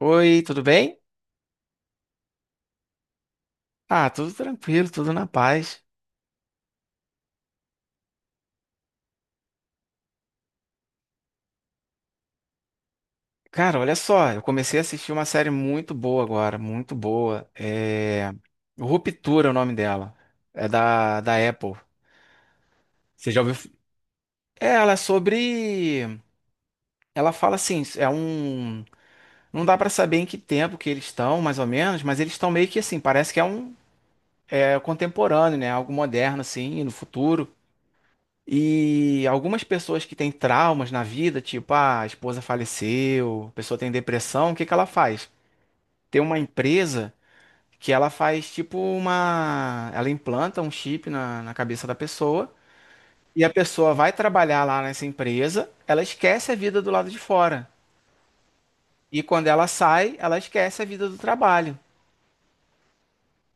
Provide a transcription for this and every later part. Oi, tudo bem? Ah, tudo tranquilo, tudo na paz. Cara, olha só, eu comecei a assistir uma série muito boa agora, muito boa. Ruptura é o nome dela. É da Apple. Você já ouviu? É, ela é sobre. Ela fala assim, Não dá pra saber em que tempo que eles estão, mais ou menos, mas eles estão meio que assim, parece que é contemporâneo, né? Algo moderno, assim, no futuro. E algumas pessoas que têm traumas na vida, tipo, ah, a esposa faleceu, a pessoa tem depressão, o que que ela faz? Tem uma empresa que ela faz tipo uma. Ela implanta um chip na cabeça da pessoa e a pessoa vai trabalhar lá nessa empresa, ela esquece a vida do lado de fora. E quando ela sai, ela esquece a vida do trabalho.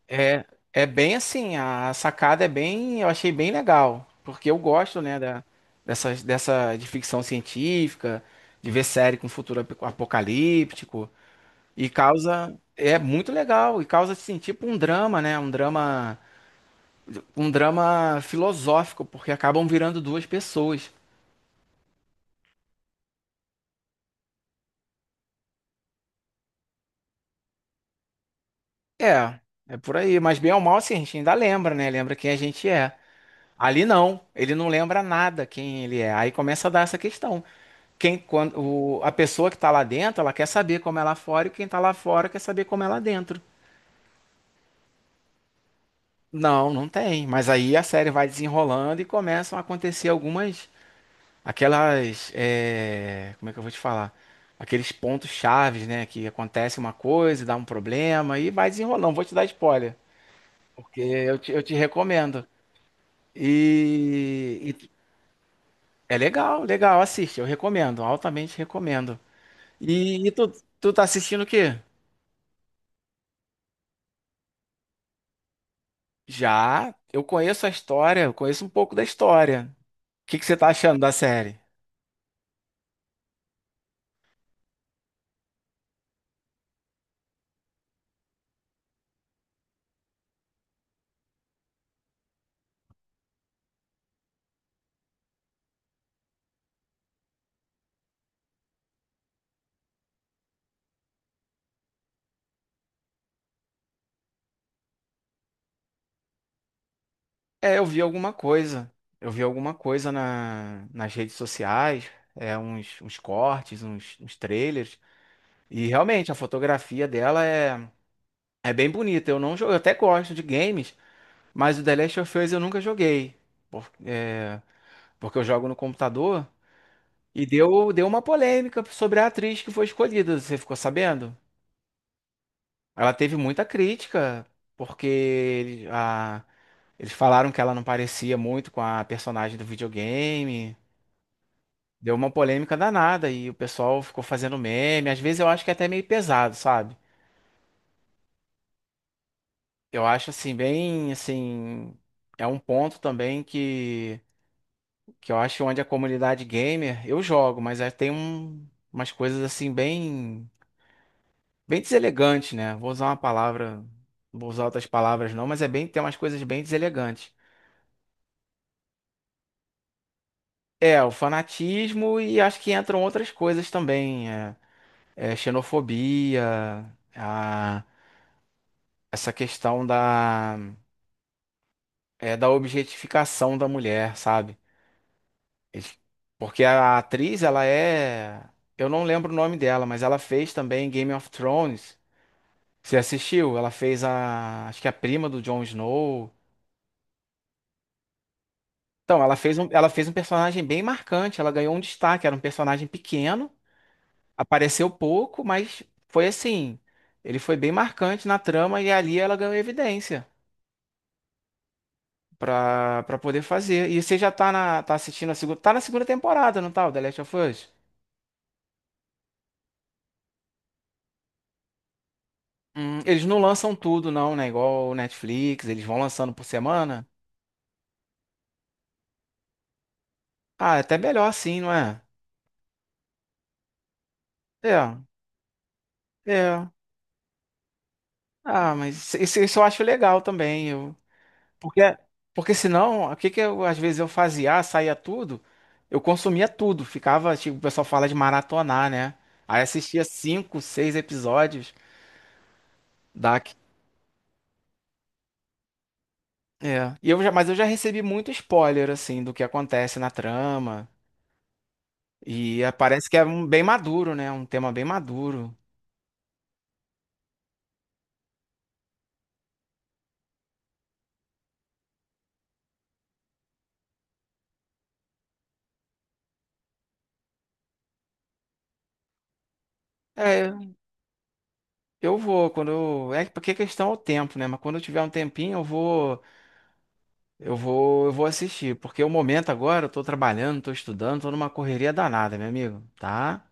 É, é bem assim, a sacada é bem, eu achei bem legal, porque eu gosto, né, da, dessa de ficção científica, de ver série com futuro apocalíptico, e causa, é muito legal, e causa, assim, tipo um drama, né, um drama filosófico, porque acabam virando duas pessoas. É, é por aí, mas bem ou mal, assim, a gente ainda lembra, né, lembra quem a gente é. Ali não, ele não lembra nada quem ele é, aí começa a dar essa questão. A pessoa que está lá dentro, ela quer saber como é lá fora, e quem está lá fora quer saber como é lá dentro. Não, não tem. Mas aí a série vai desenrolando e começam a acontecer algumas, como é que eu vou te falar? Aqueles pontos chaves, né? Que acontece uma coisa, e dá um problema e vai desenrolando. Vou te dar spoiler, porque eu te recomendo. E é legal, legal, assiste, eu recomendo, altamente recomendo. E, e tu, tu tá assistindo o quê? Já, eu conheço a história, eu conheço um pouco da história. O que que você tá achando da série? É, eu vi alguma coisa. Eu vi alguma coisa nas redes sociais, é, uns cortes, uns trailers. E realmente, a fotografia dela é, é bem bonita. Eu não jogo, eu até gosto de games, mas o The Last of Us eu nunca joguei. Por- é, porque eu jogo no computador. E deu uma polêmica sobre a atriz que foi escolhida. Você ficou sabendo? Ela teve muita crítica, porque eles falaram que ela não parecia muito com a personagem do videogame. Deu uma polêmica danada e o pessoal ficou fazendo meme. Às vezes eu acho que é até meio pesado, sabe? Eu acho assim, bem assim. É um ponto também que eu acho onde a comunidade gamer, eu jogo, mas aí umas coisas assim bem, bem deselegantes, né? Vou usar uma palavra, não vou usar outras palavras não, mas é bem, tem umas coisas bem deselegantes. É, o fanatismo e acho que entram outras coisas também. Xenofobia, essa questão da, é, da objetificação da mulher, sabe? Eles- Porque a atriz, ela é. Eu não lembro o nome dela, mas ela fez também Game of Thrones. Você assistiu? Ela fez a. Acho que a prima do Jon Snow. Então, ela fez um personagem bem marcante. Ela ganhou um destaque. Era um personagem pequeno. Apareceu pouco, mas foi assim. Ele foi bem marcante na trama e ali ela ganhou evidência para poder fazer. E você tá assistindo a segunda. Tá na segunda temporada, não tá? O The Last of Us? Eles não lançam tudo, não, né? Igual o Netflix, eles vão lançando por semana. Ah, é até melhor assim, não é? É, é. Ah, mas isso eu acho legal também. Porque, porque senão, o que que eu, às vezes eu fazia, ah, saía tudo, eu consumia tudo, ficava, tipo, o pessoal fala de maratonar, né? Aí assistia cinco, seis episódios da... É. Mas eu já recebi muito spoiler, assim, do que acontece na trama, e é, parece que é um, bem maduro, né? Um tema bem maduro. É, eu vou, quando eu... É porque a questão é o tempo, né? Mas quando eu tiver um tempinho, eu vou... Eu vou assistir, porque o momento agora, eu tô trabalhando, tô estudando, tô numa correria danada, meu amigo, tá?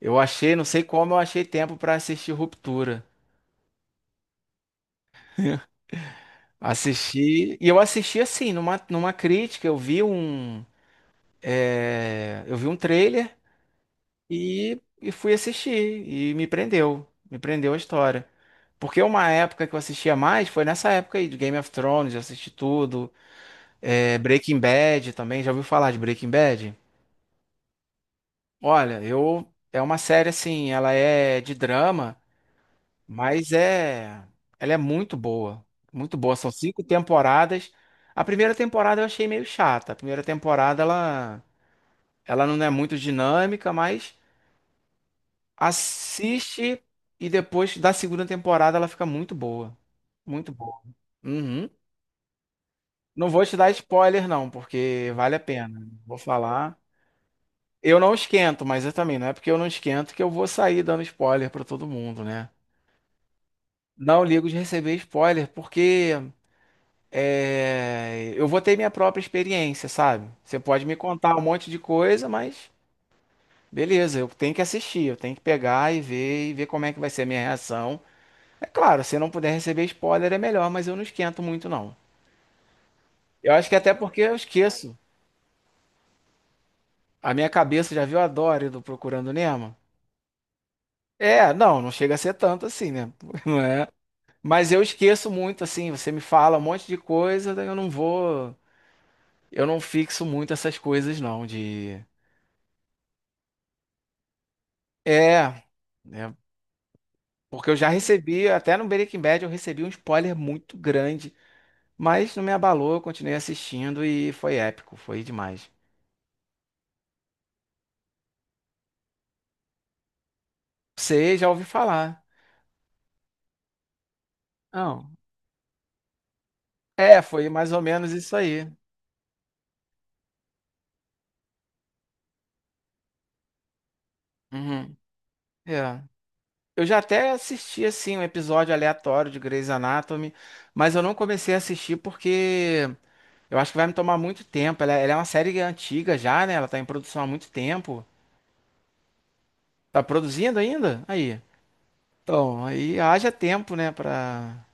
Eu achei, não sei como eu achei tempo pra assistir Ruptura. Assisti, e eu assisti assim, numa crítica, eu vi um trailer e fui assistir, e me prendeu a história. Porque uma época que eu assistia mais foi nessa época aí de Game of Thrones, eu assisti tudo, é, Breaking Bad também, já ouviu falar de Breaking Bad? Olha, eu é uma série assim, ela é de drama, mas ela é muito boa, muito boa. São cinco temporadas. A primeira temporada eu achei meio chata. A primeira temporada ela não é muito dinâmica, mas assiste e depois da segunda temporada ela fica muito boa, muito boa. Uhum. Não vou te dar spoiler não, porque vale a pena. Vou falar. Eu não esquento, mas eu também não é porque eu não esquento que eu vou sair dando spoiler para todo mundo, né? Não ligo de receber spoiler, porque é, eu vou ter minha própria experiência, sabe? Você pode me contar um monte de coisa, mas beleza, eu tenho que assistir, eu tenho que pegar e ver como é que vai ser a minha reação. É claro, se não puder receber spoiler é melhor, mas eu não esquento muito, não. Eu acho que até porque eu esqueço. A minha cabeça já viu a Dory do Procurando Nemo? É, não, não chega a ser tanto assim, né? Não é? Mas eu esqueço muito, assim, você me fala um monte de coisa, daí eu não vou. Eu não fixo muito essas coisas, não, de... É, né? Porque eu já recebi, até no Breaking Bad, eu recebi um spoiler muito grande, mas não me abalou, eu continuei assistindo e foi épico, foi demais. Você já ouvi falar. Não. É, foi mais ou menos isso aí. Uhum. É. Eu já até assisti, assim, um episódio aleatório de Grey's Anatomy, mas eu não comecei a assistir porque eu acho que vai me tomar muito tempo. Ela é uma série antiga já, né? Ela tá em produção há muito tempo. Tá produzindo ainda? Aí. Então, aí haja tempo, né, pra...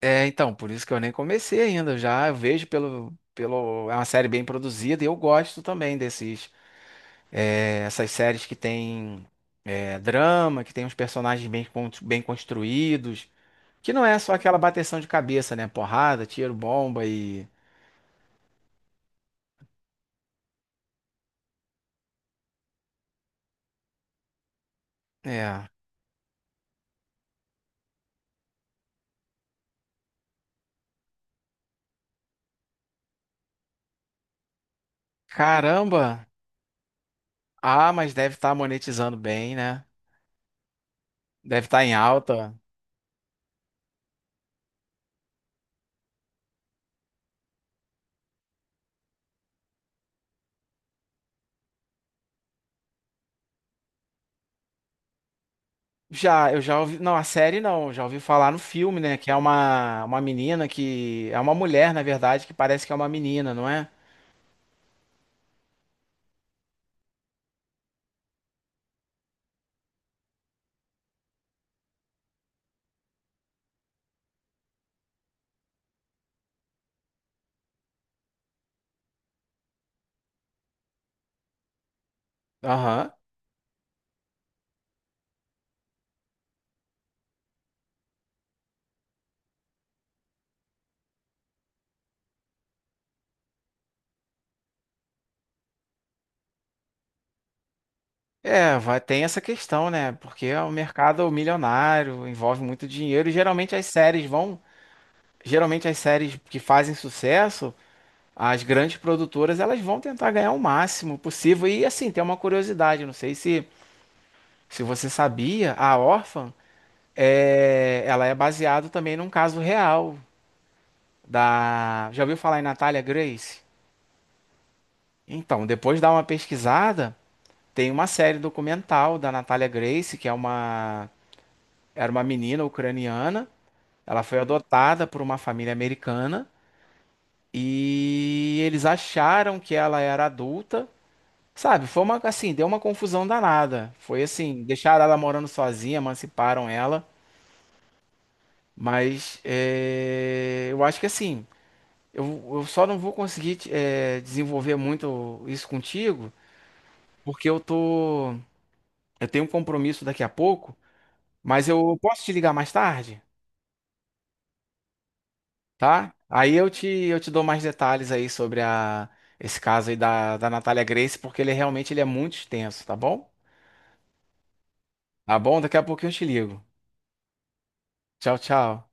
É, então, por isso que eu nem comecei ainda. Já eu vejo pelo... É uma série bem produzida e eu gosto também desses... é, essas séries que tem é, drama, que tem uns personagens bem construídos. Que não é só aquela bateção de cabeça, né? Porrada, tiro, bomba e... É. Caramba! Ah, mas deve estar monetizando bem, né? Deve estar em alta. Já, eu já ouvi. Não, a série não, já ouvi falar no filme, né? Que é uma menina que. É uma mulher, na verdade, que parece que é uma menina, não é? Aham. É, vai, tem essa questão, né? Porque é um mercado milionário, envolve muito dinheiro, e geralmente as séries vão. Geralmente as séries que fazem sucesso, as grandes produtoras, elas vão tentar ganhar o máximo possível. E assim, tem uma curiosidade, não sei se você sabia, a Orphan, é, ela é baseada também num caso real. Da. Já ouviu falar em Natalia Grace? Então, depois dá uma pesquisada, tem uma série documental da Natalia Grace, que é uma. Era uma menina ucraniana. Ela foi adotada por uma família americana e eles acharam que ela era adulta. Sabe, foi uma assim, deu uma confusão danada. Foi assim, deixaram ela morando sozinha, emanciparam ela. Mas é, eu acho que assim, eu, eu só não vou conseguir é, desenvolver muito isso contigo, porque eu tô. Eu tenho um compromisso daqui a pouco, mas eu posso te ligar mais tarde, tá? Aí eu te dou mais detalhes aí sobre a, esse caso aí da Natália Grace, porque ele realmente ele é muito extenso, tá bom? Tá bom? Daqui a pouquinho eu te ligo. Tchau, tchau.